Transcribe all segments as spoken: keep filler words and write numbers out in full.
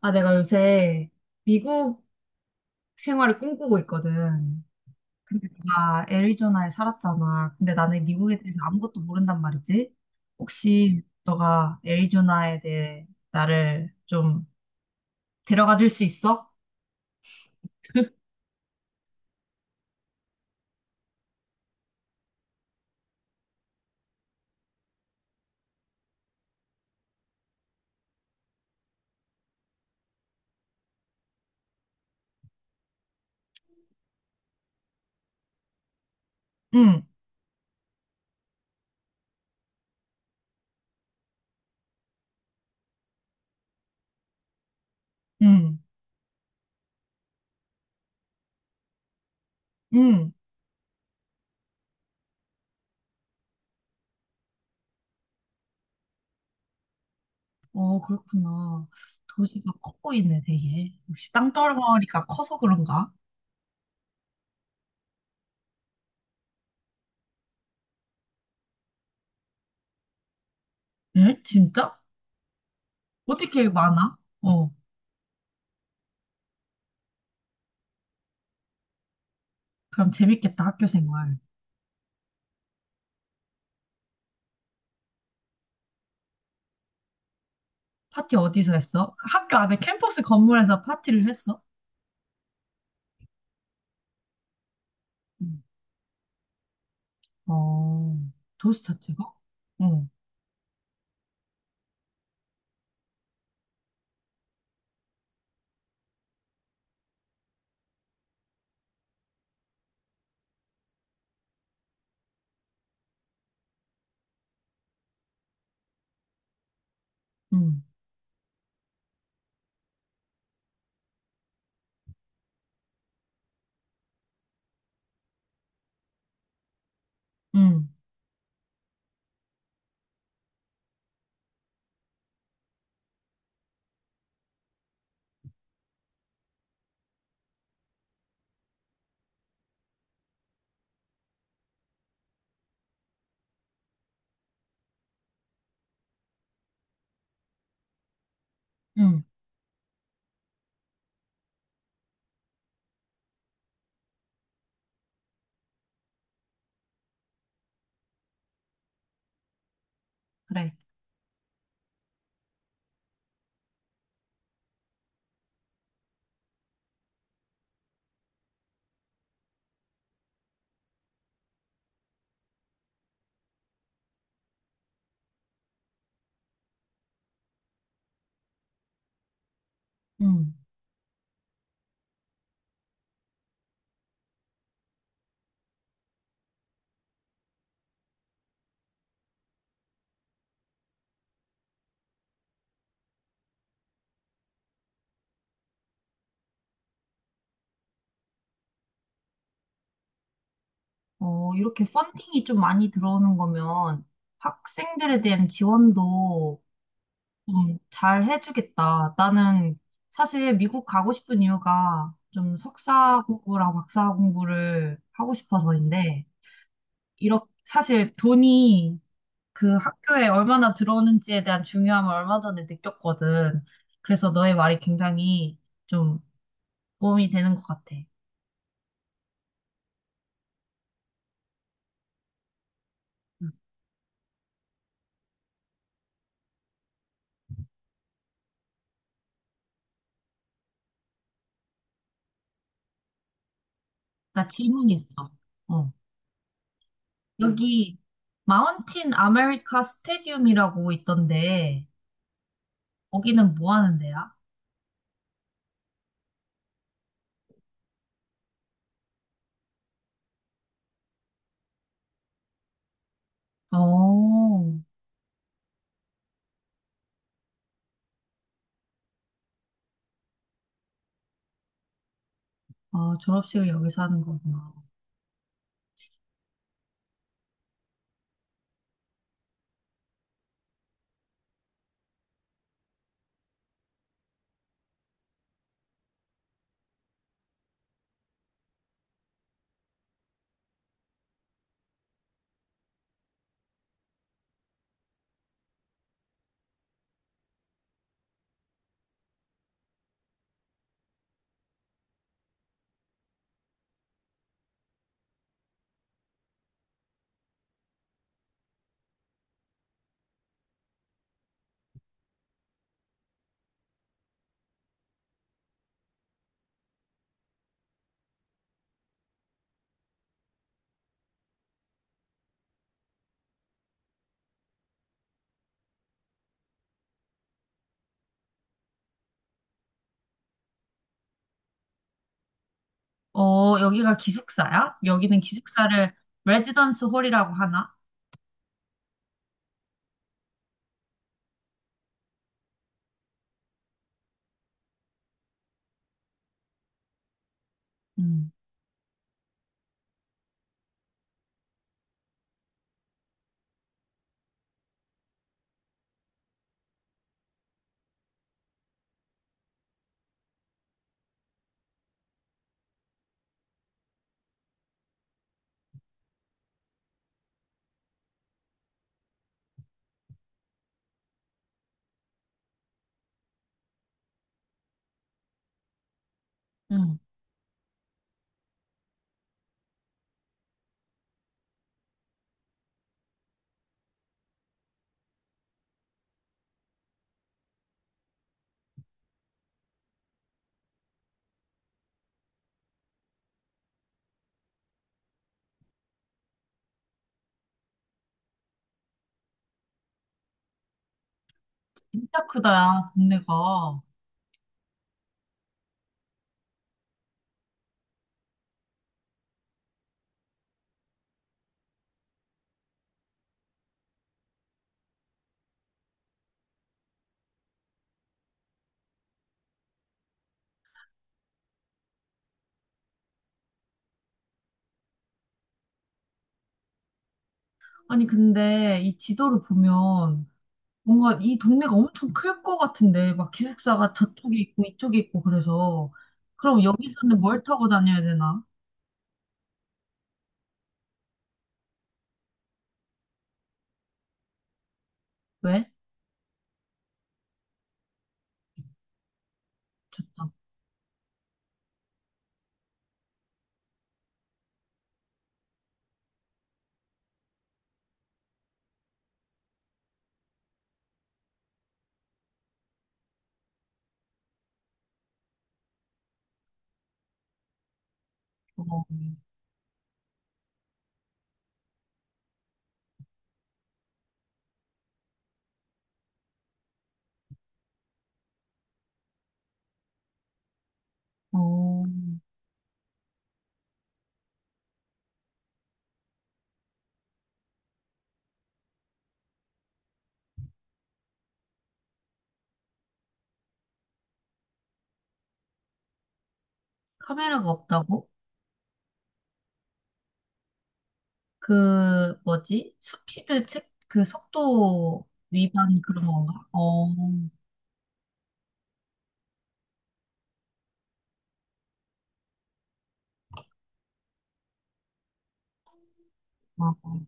아, 내가 요새 미국 생활을 꿈꾸고 있거든. 근데 내가 애리조나에 살았잖아. 근데 나는 미국에 대해서 아무것도 모른단 말이지. 혹시 너가 애리조나에 대해 나를 좀 데려가 줄 수 있어? 응, 응, 응. 어, 그렇구나. 도시가 커 보이네, 되게. 역시 땅덩어리가 커서 그런가? 응? 진짜? 어떻게 많아? 어, 그럼 재밌겠다, 학교 생활. 파티 어디서 했어? 그 학교 안에 캠퍼스 건물에서 파티를 했어? 음. 어, 도시 자체가? 응. 응. 응. 응. 그래. 응, 어, 이렇게 펀딩이 좀 많이 들어오는 거면 학생들에 대한 지원도 좀 잘 해주겠다. 나는 사실 미국 가고 싶은 이유가 좀 석사 공부랑 박사 공부를 하고 싶어서인데, 이렇게 사실 돈이 그 학교에 얼마나 들어오는지에 대한 중요함을 얼마 전에 느꼈거든. 그래서 너의 말이 굉장히 좀 도움이 되는 것 같아. 응. 나 질문 있어. 어. 응. 여기 마운틴 아메리카 스테디움이라고 있던데 거기는 뭐 하는 데야? 어, 아, 졸업식을 여기서 하는 거구나. 어, 여기가 기숙사야? 여기는 기숙사를 레지던스 홀이라고 하나? 응. 응. 진짜 크다, 야 동네가. 아니, 근데 이 지도를 보면 뭔가 이 동네가 엄청 클 것 같은데, 막 기숙사가 저쪽에 있고 이쪽에 있고 그래서. 그럼 여기서는 뭘 타고 다녀야 되나? 왜? 좋다. 어, 어, 카메라가 없다고? 그, 뭐지? 스피드 책, 그 속도 위반 그런 건가? 어, 어. 어.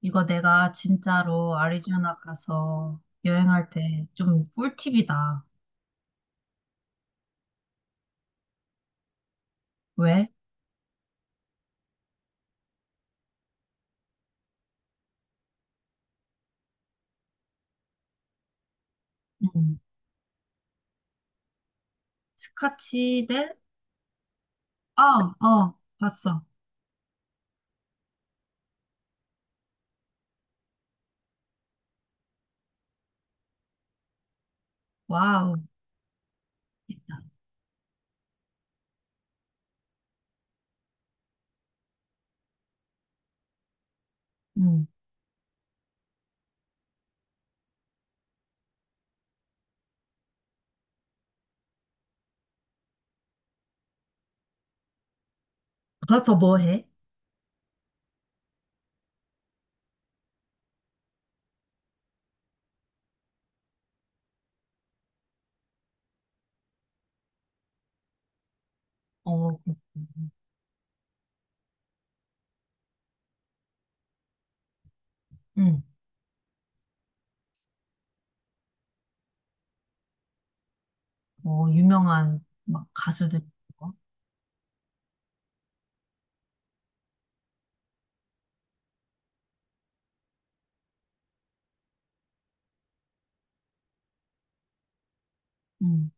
이거 내가 진짜로 아리조나 가서 여행할 때 좀 꿀팁이다. 왜? 음. 스카치 대. 어, 어, 봤어. 와우. 됐다. 음. 가서 뭐 해? 어, 그렇구나. 음. 어, 유명한 막 가수들. 있고. 음.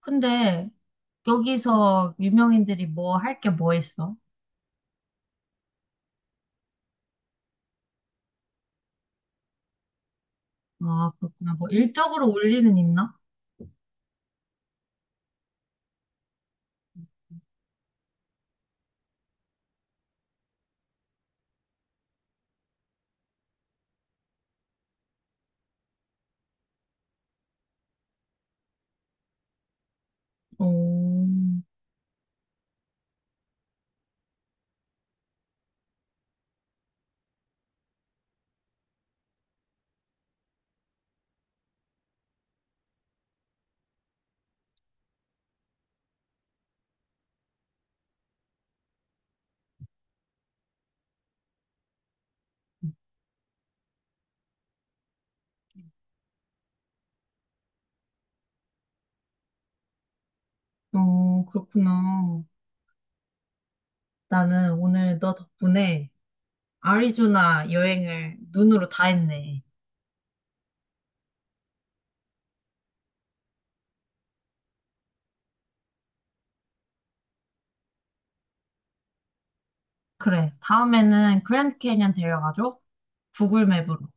근데 여기서 유명인들이 뭐 할 게 뭐 있어? 아, 그렇구나. 뭐 일적으로 올리는 있나? 어, 어, 그렇구나. 나는 오늘 너 덕분에 아리조나 여행을 눈으로 다 했네. 그래. 다음에는 그랜드 캐니언 데려가줘. 구글 맵으로.